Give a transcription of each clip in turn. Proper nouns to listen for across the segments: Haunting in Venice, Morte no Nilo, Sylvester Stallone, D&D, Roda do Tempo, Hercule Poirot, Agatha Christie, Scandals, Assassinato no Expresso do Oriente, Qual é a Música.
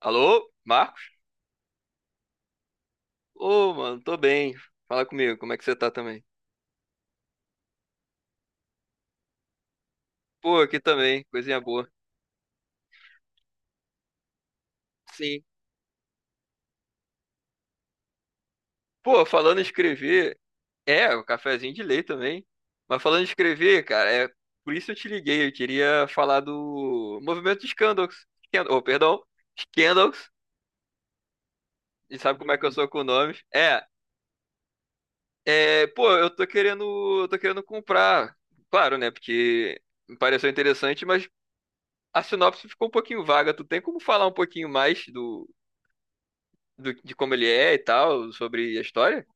Alô, Marcos? Ô, mano, tô bem. Fala comigo, como é que você tá também? Pô, aqui também, coisinha boa. Sim. Pô, falando em escrever, é, o cafezinho de lei também. Mas falando em escrever, cara, é por isso eu te liguei. Eu queria falar do movimento de Scandals. Oh, perdão, Scandals. E sabe como é que eu sou com nomes? Pô, eu tô querendo comprar. Claro, né? Porque me pareceu interessante, mas a sinopse ficou um pouquinho vaga. Tu tem como falar um pouquinho mais do de como ele é e tal, sobre a história?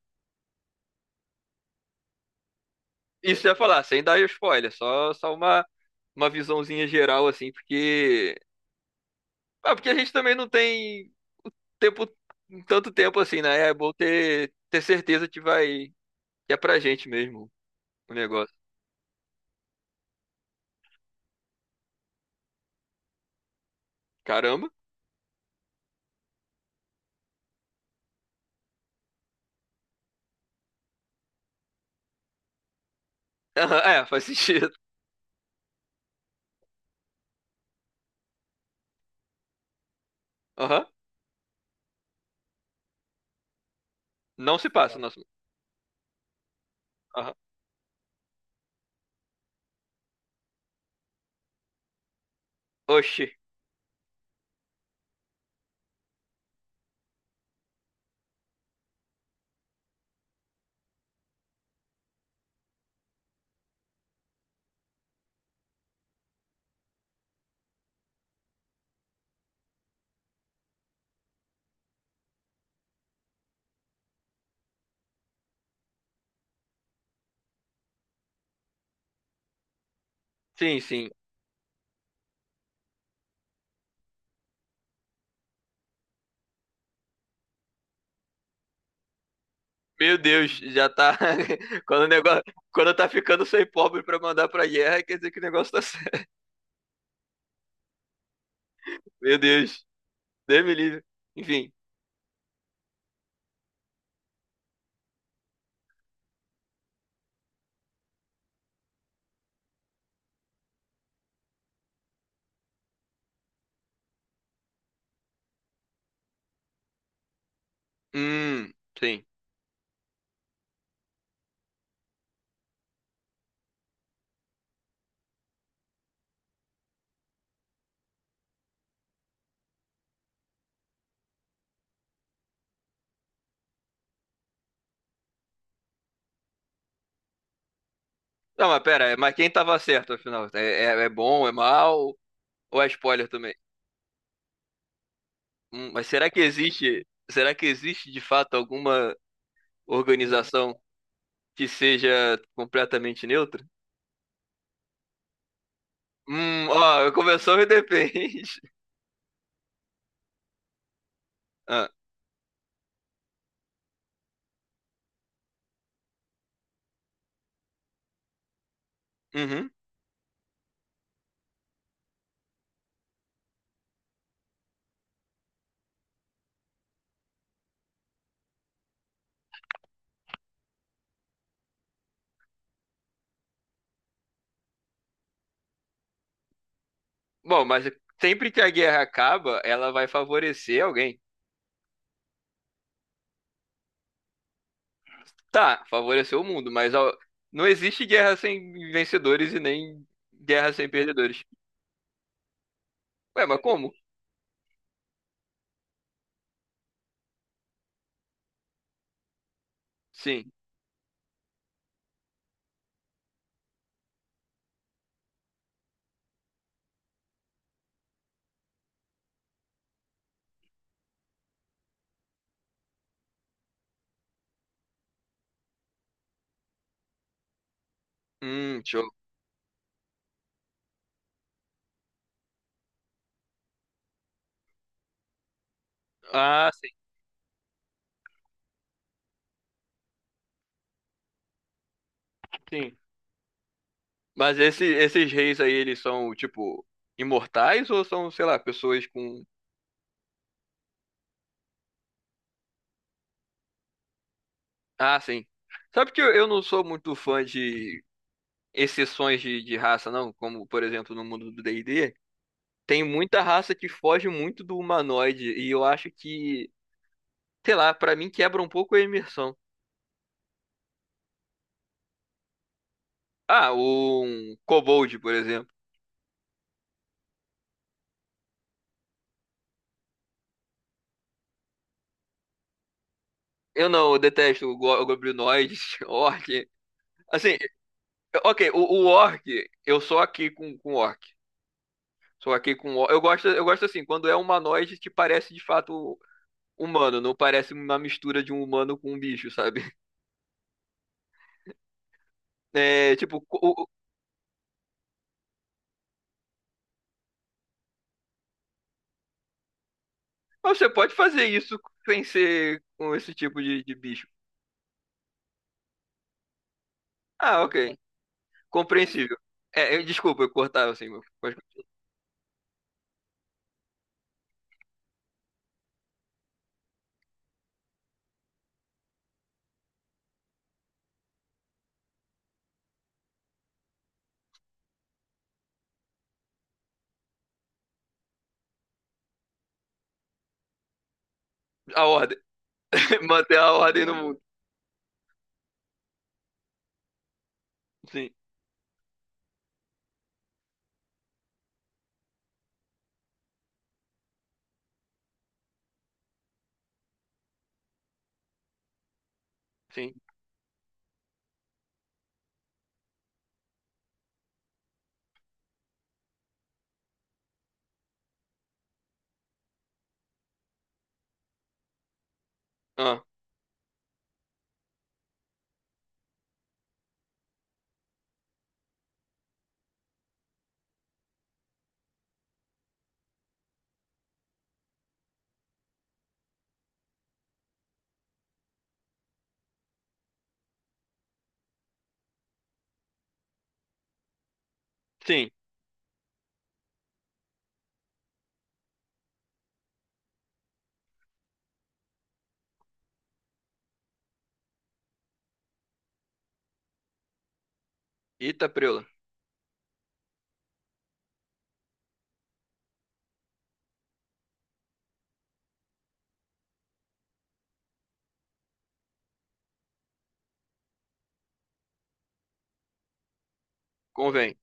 Isso eu ia falar, sem dar spoiler, só uma visãozinha geral, assim, porque. Ah, porque a gente também não tem tempo, tanto tempo assim, né? É bom ter certeza que vai. Que é pra gente mesmo o negócio. Caramba! Aham, é, faz sentido. Aham. Não se passa, nosso. Aham. Oxi. Sim, sim. Meu Deus, já tá. Quando o negócio. Quando tá ficando sem pobre pra mandar pra guerra, quer dizer que o negócio tá certo. Meu Deus. Deus me livre. Enfim. Hum, sim. Não, mas pera, mas quem tava certo, afinal? É bom, é mal? Ou é spoiler também? Mas será que existe de fato alguma organização que seja completamente neutra? Ó, começou e depende. Ah, uhum. Bom, mas sempre que a guerra acaba, ela vai favorecer alguém. Tá, favoreceu o mundo, mas ó, não existe guerra sem vencedores e nem guerra sem perdedores. Ué, mas como? Sim. Show. Ah, sim. Sim. Mas esses reis aí, eles são, tipo, imortais ou são, sei lá, pessoas com. Ah, sim. Sabe que eu não sou muito fã de exceções de raça, não? Como, por exemplo, no mundo do D&D, tem muita raça que foge muito do humanoide e eu acho que, sei lá, pra mim quebra um pouco a imersão. Ah, um kobold, por exemplo. Eu não, eu detesto goblinoides, orc. Assim, ok, o orc, eu sou aqui com orc. Sou aqui com orc. Eu gosto assim, quando é um humanoide que parece de fato humano, não parece uma mistura de um humano com um bicho, sabe? É, tipo, mas você pode fazer isso sem ser com esse tipo de bicho. Ah, ok. Compreensível. É, desculpa, eu cortava assim, mas a ordem. Manter a ordem no mundo. Sim, sim. Ah, sim. Eita, preula. Convém.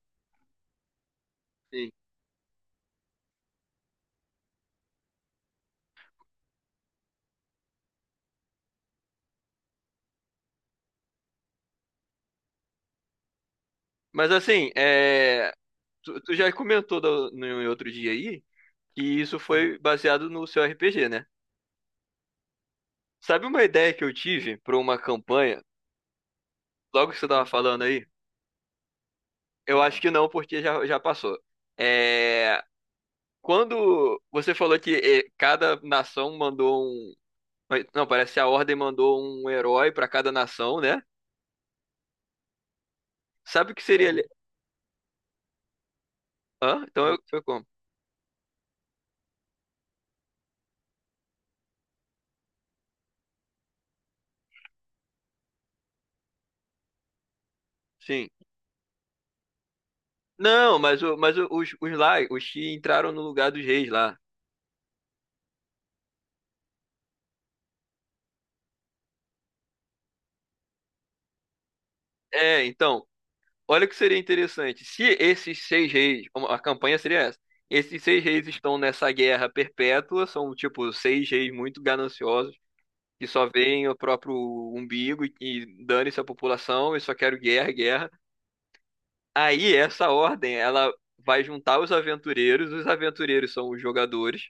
Sim. Mas assim, é. Tu já comentou da- no, em outro dia aí que isso foi baseado no seu RPG, né? Sabe uma ideia que eu tive para uma campanha, logo que você tava falando aí? Eu acho que não, porque já passou. É, quando você falou que cada nação mandou um. Não, parece que a Ordem mandou um herói para cada nação, né? Sabe o que seria. Hã? Então foi como? Sim. Não, mas, os lá, os que entraram no lugar dos reis lá. É, então. Olha o que seria interessante. Se esses seis reis, a campanha seria essa. Esses seis reis estão nessa guerra perpétua, são tipo seis reis muito gananciosos que só veem o próprio umbigo e dane-se a população e só quero guerra, guerra. Aí essa ordem, ela vai juntar os aventureiros são os jogadores.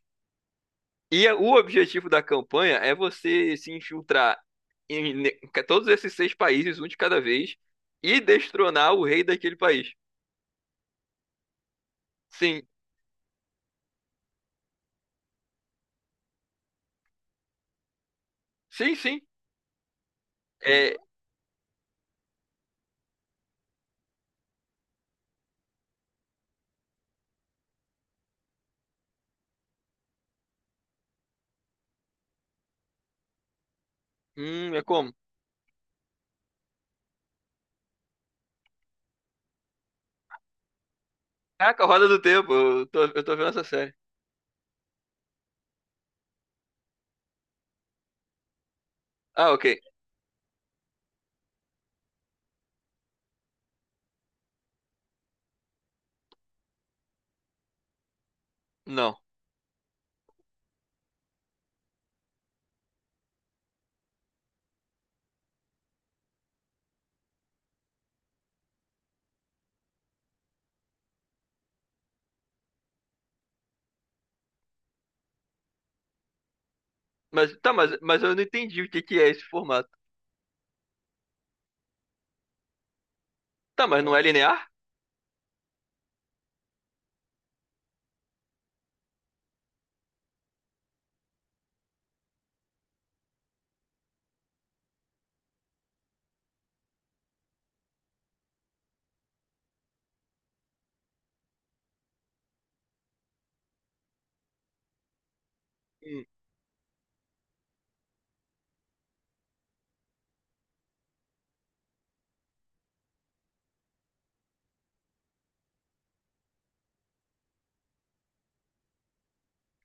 E o objetivo da campanha é você se infiltrar em todos esses seis países, um de cada vez, e destronar o rei daquele país. Sim, sim, sim. É, é como? Caraca, Roda do Tempo, eu tô vendo essa série. Ah, ok. Não. Mas, tá, mas eu não entendi o que que é esse formato. Tá, mas não é linear? Hum.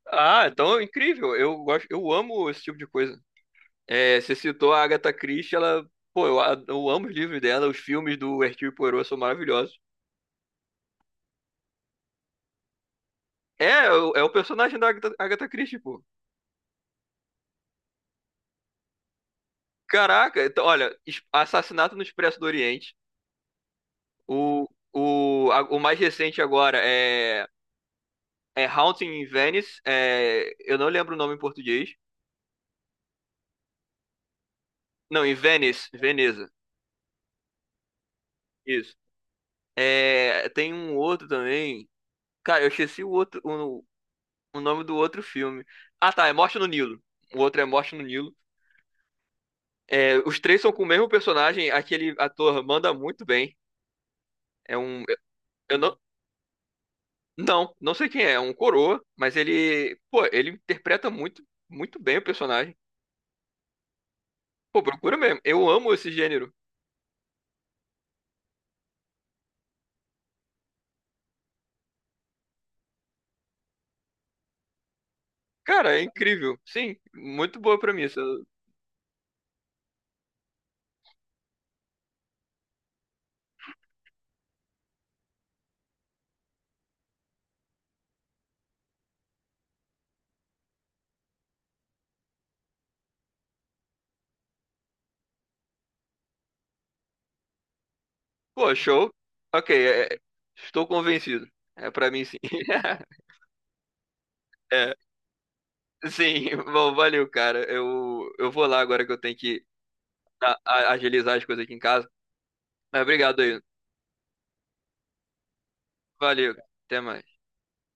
Ah, então é incrível. Eu gosto, eu amo esse tipo de coisa. É, você citou a Agatha Christie, ela, pô, eu amo os livros dela, os filmes do Hercule Poirot são maravilhosos. É, é o personagem da Agatha Christie, pô. Caraca, então, olha, Assassinato no Expresso do Oriente. O, o mais recente agora é Haunting in Venice. É, eu não lembro o nome em português. Não, em Venice, Veneza. Isso. É, tem um outro também. Cara, eu esqueci o outro, o nome do outro filme. Ah, tá, é Morte no Nilo. O outro é Morte no Nilo. É, os três são com o mesmo personagem. Aquele ator manda muito bem. É um, eu não sei quem é. É um coroa, mas pô, ele interpreta muito, muito bem o personagem. Pô, procura mesmo. Eu amo esse gênero. Cara, é incrível. Sim, muito boa premissa. Pô, show. Ok, estou convencido. É pra mim sim. É, sim, bom, valeu, cara. Eu vou lá agora que eu tenho que agilizar as coisas aqui em casa. Mas obrigado aí. Valeu, até mais.